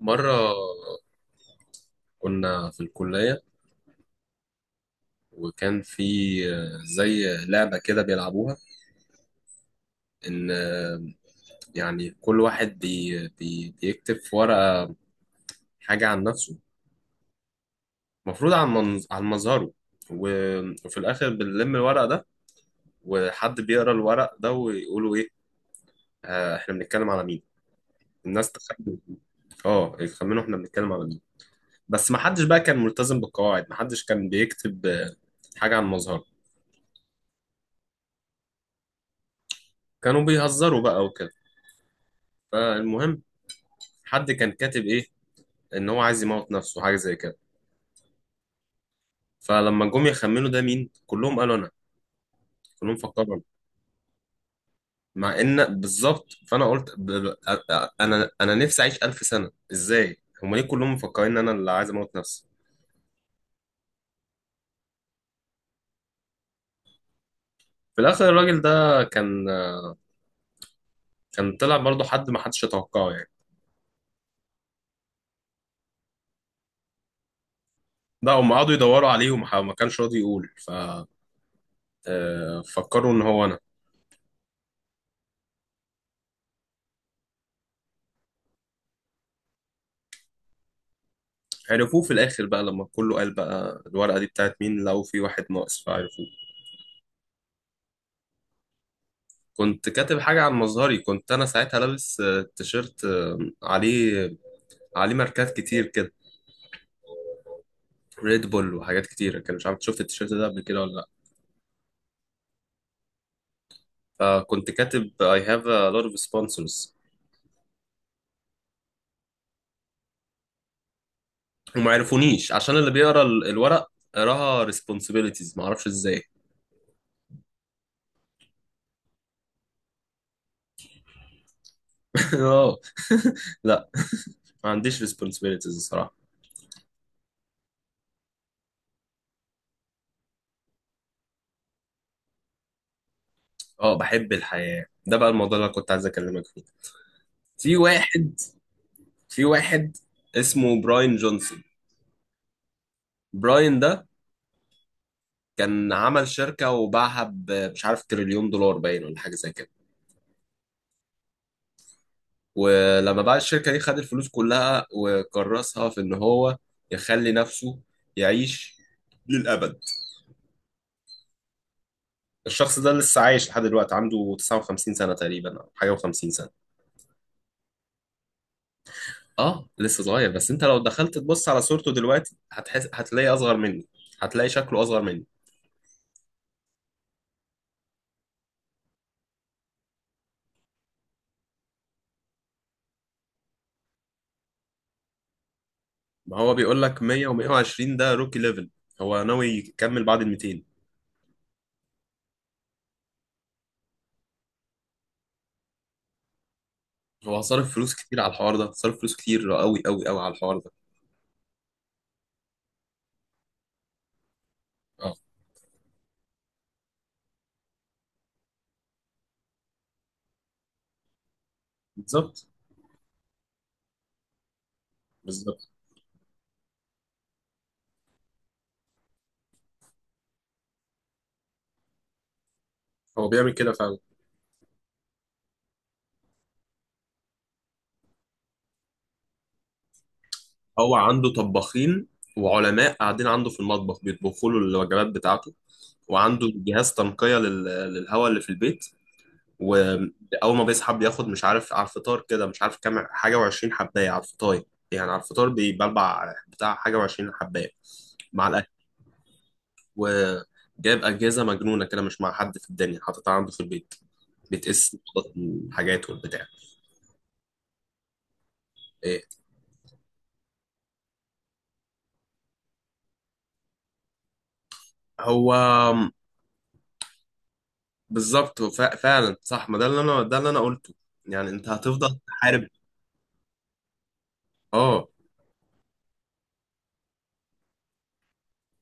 مرة كنا في الكلية وكان في زي لعبة كده بيلعبوها، إن يعني كل واحد بي بي بيكتب في ورقة حاجة عن نفسه، المفروض عن عن مظهره. وفي الآخر بنلم الورق ده، وحد بيقرأ الورق ده ويقولوا إيه إحنا بنتكلم على مين. الناس تخمن، اه، يخمنوا احنا بنتكلم على مين. بس ما حدش بقى كان ملتزم بالقواعد، ما حدش كان بيكتب حاجة عن مظهره، كانوا بيهزروا بقى وكده. فالمهم، حد كان كاتب ايه؟ ان هو عايز يموت نفسه، حاجه زي كده. فلما جم يخمنوا ده مين، كلهم قالوا انا، كلهم فكروا انا، مع ان بالظبط، فانا قلت ب... ب... أ- انا انا نفسي اعيش 1000 سنه. ازاي هم ليه كلهم مفكرين ان انا اللي عايز اموت نفسي؟ في الاخر الراجل ده كان، كان طلع برضه حد ما حدش يتوقعه يعني. ده هم قعدوا يدوروا عليه وما ح- ما كانش راضي يقول، ف فكروا ان هو انا. عرفوه في الاخر بقى لما كله قال بقى الورقه دي بتاعت مين، لقوا في واحد ناقص فعرفوه. كنت كاتب حاجة عن مظهري، كنت أنا ساعتها لابس تيشيرت عليه، عليه ماركات كتير كده، ريد بول وحاجات كتيرة، كان مش عارف شفت التيشيرت ده قبل كده ولا لأ. فكنت كاتب I have a lot of sponsors، وما عرفونيش عشان اللي بيقرا الورق قراها responsibilities، ما اعرفش ازاي. اه. لا، ما عنديش responsibilities الصراحة. اه بحب الحياة، ده بقى الموضوع اللي أنا كنت عايز اكلمك فيه. في واحد في واحد اسمه براين جونسون. براين ده كان عمل شركة وباعها مش عارف تريليون دولار باين ولا حاجة زي كده. ولما باع الشركة دي خد الفلوس كلها وكرسها في إن هو يخلي نفسه يعيش للأبد. الشخص ده لسه عايش لحد دلوقتي، عنده 59 سنة تقريبا أو حاجة و50 سنة. اه لسه صغير، بس انت لو دخلت تبص على صورته دلوقتي هتحس، هتلاقي اصغر مني، هتلاقي شكله اصغر مني. ما هو بيقول لك 100 و120، ده روكي ليفل، هو ناوي يكمل بعد ال 200. هو هصرف فلوس كتير على الحوار ده، هصرف فلوس كتير قوي قوي قوي على الحوار ده. اه بالظبط بالظبط. هو بيعمل كده فعلا. هو عنده طباخين وعلماء قاعدين عنده في المطبخ بيطبخوا له الوجبات بتاعته، وعنده جهاز تنقية للهواء اللي في البيت. وأول ما بيصحى بياخد مش عارف على الفطار كده، مش عارف كام حاجة وعشرين حباية على الفطار، يعني على الفطار بيبلبع بتاع حاجة وعشرين حباية مع الأكل. وجايب أجهزة مجنونة كده مش مع حد في الدنيا حاططها عنده في البيت، بتقيس نقط الحاجات والبتاع. إيه، هو بالظبط فعلا صح، ما ده اللي انا، ده اللي انا قلته، يعني انت هتفضل تحارب. اه.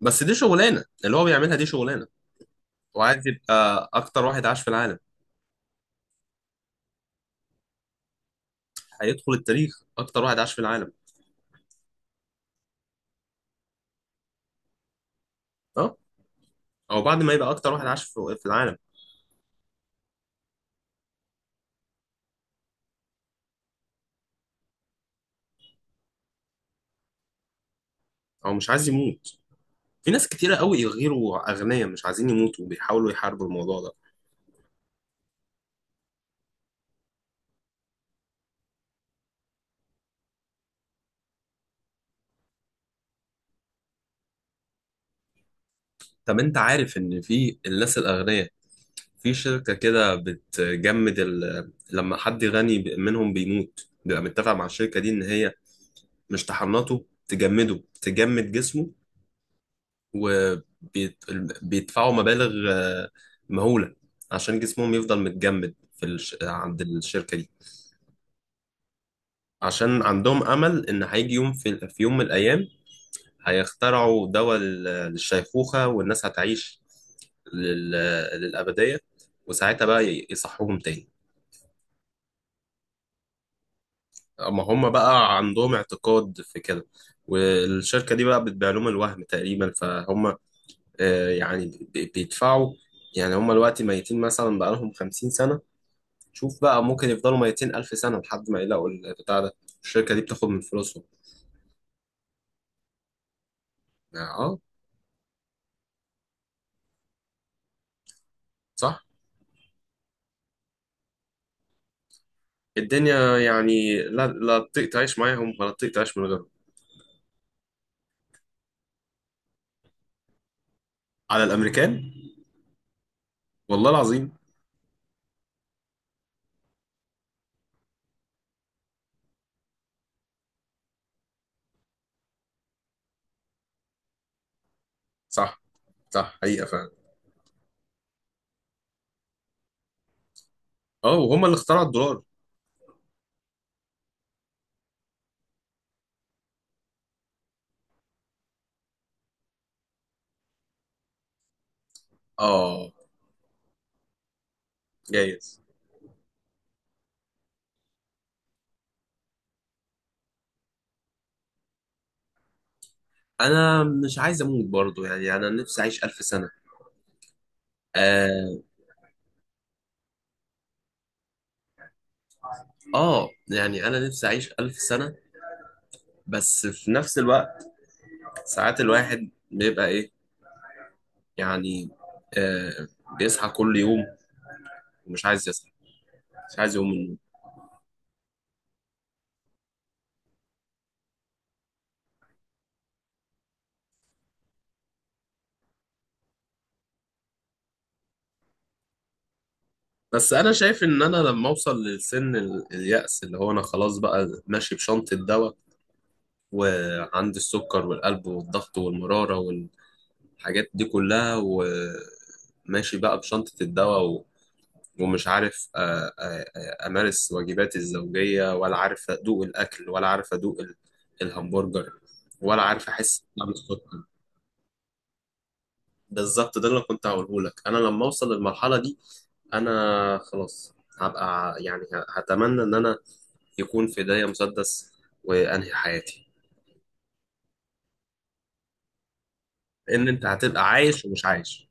بس دي شغلانه اللي هو بيعملها، دي شغلانه، وعايز يبقى اكتر واحد عاش في العالم، هيدخل التاريخ اكتر واحد عاش في العالم. اه او بعد ما يبقى اكتر واحد عاش في العالم. او مش عايز يموت، في ناس كتيره قوي غيروا اغنياء مش عايزين يموتوا وبيحاولوا يحاربوا الموضوع ده. طب انت عارف ان في الناس الاغنياء، في شركة كده بتجمد لما حد غني منهم بيموت بيبقى متفق مع الشركة دي إن هي مش تحنطه، تجمده، تجمد جسمه. وبيدفعوا مبالغ مهولة عشان جسمهم يفضل متجمد في عند الشركة دي. عشان عندهم أمل إن هيجي يوم، في يوم من الأيام هيخترعوا دواء للشيخوخة والناس هتعيش لل... للأبدية، وساعتها بقى يصحوهم تاني. اما هم بقى عندهم اعتقاد في كده، والشركة دي بقى بتبيع لهم الوهم تقريبا. فهم يعني بيدفعوا، يعني هم دلوقتي ميتين مثلا بقالهم 50 سنة، شوف بقى ممكن يفضلوا 200 ألف سنة لحد ما يلاقوا البتاع ده، الشركة دي بتاخد من فلوسهم. اه صح، الدنيا يعني لا، لا تطيق تعيش معاهم ولا تطيق تعيش من غيرهم. على الأمريكان والله العظيم. صح، صح حقيقة فعلا. اه وهم اللي اخترعوا الدولار. اه جايز. انا مش عايز اموت برضو، يعني انا نفسي اعيش الف سنه. آه, اه يعني انا نفسي اعيش الف سنه، بس في نفس الوقت ساعات الواحد بيبقى ايه، يعني آه بيصحى كل يوم ومش عايز يصحى، مش عايز يقوم من النوم. بس انا شايف ان انا لما اوصل لسن اليأس، اللي هو انا خلاص بقى ماشي بشنطه دواء، وعندي السكر والقلب والضغط والمراره والحاجات دي كلها، وماشي بقى بشنطه الدواء، ومش عارف أمارس واجباتي الزوجية، ولا عارف أدوق الأكل، ولا عارف أدوق الهمبرجر، ولا عارف أحس بطعم السكر. بالظبط، ده اللي أنا كنت هقوله لك، أنا لما أوصل للمرحلة دي أنا خلاص، هبقى يعني هتمنى إن أنا يكون في ايديا مسدس وانهي حياتي، لان انت هتبقى عايش ومش عايش.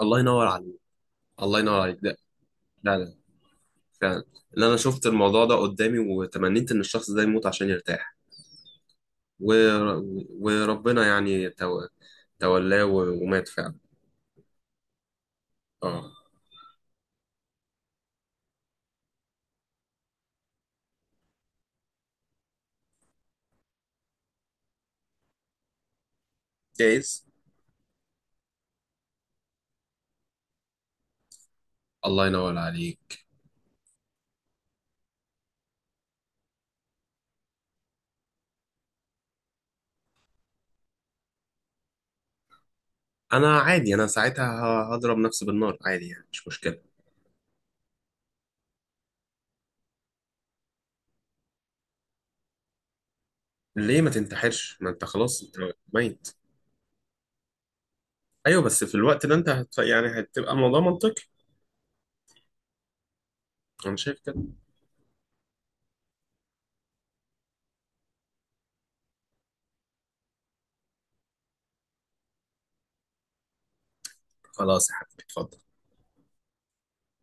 الله ينور عليك. الله ينور عليك ده، لا لا فعلا، ان انا شفت الموضوع ده قدامي وتمنيت ان الشخص ده يموت عشان يرتاح، ور... وربنا يعني تولاه ومات فعلا. اه جايز. الله ينور عليك. انا عادي، انا ساعتها هضرب نفسي بالنار عادي يعني مش مشكله. ليه ما تنتحرش، ما انت خلاص انت ميت. ايوه بس في الوقت ده انت يعني هتبقى الموضوع منطقي. انا شايف كده. خلاص يا حبيبي اتفضل.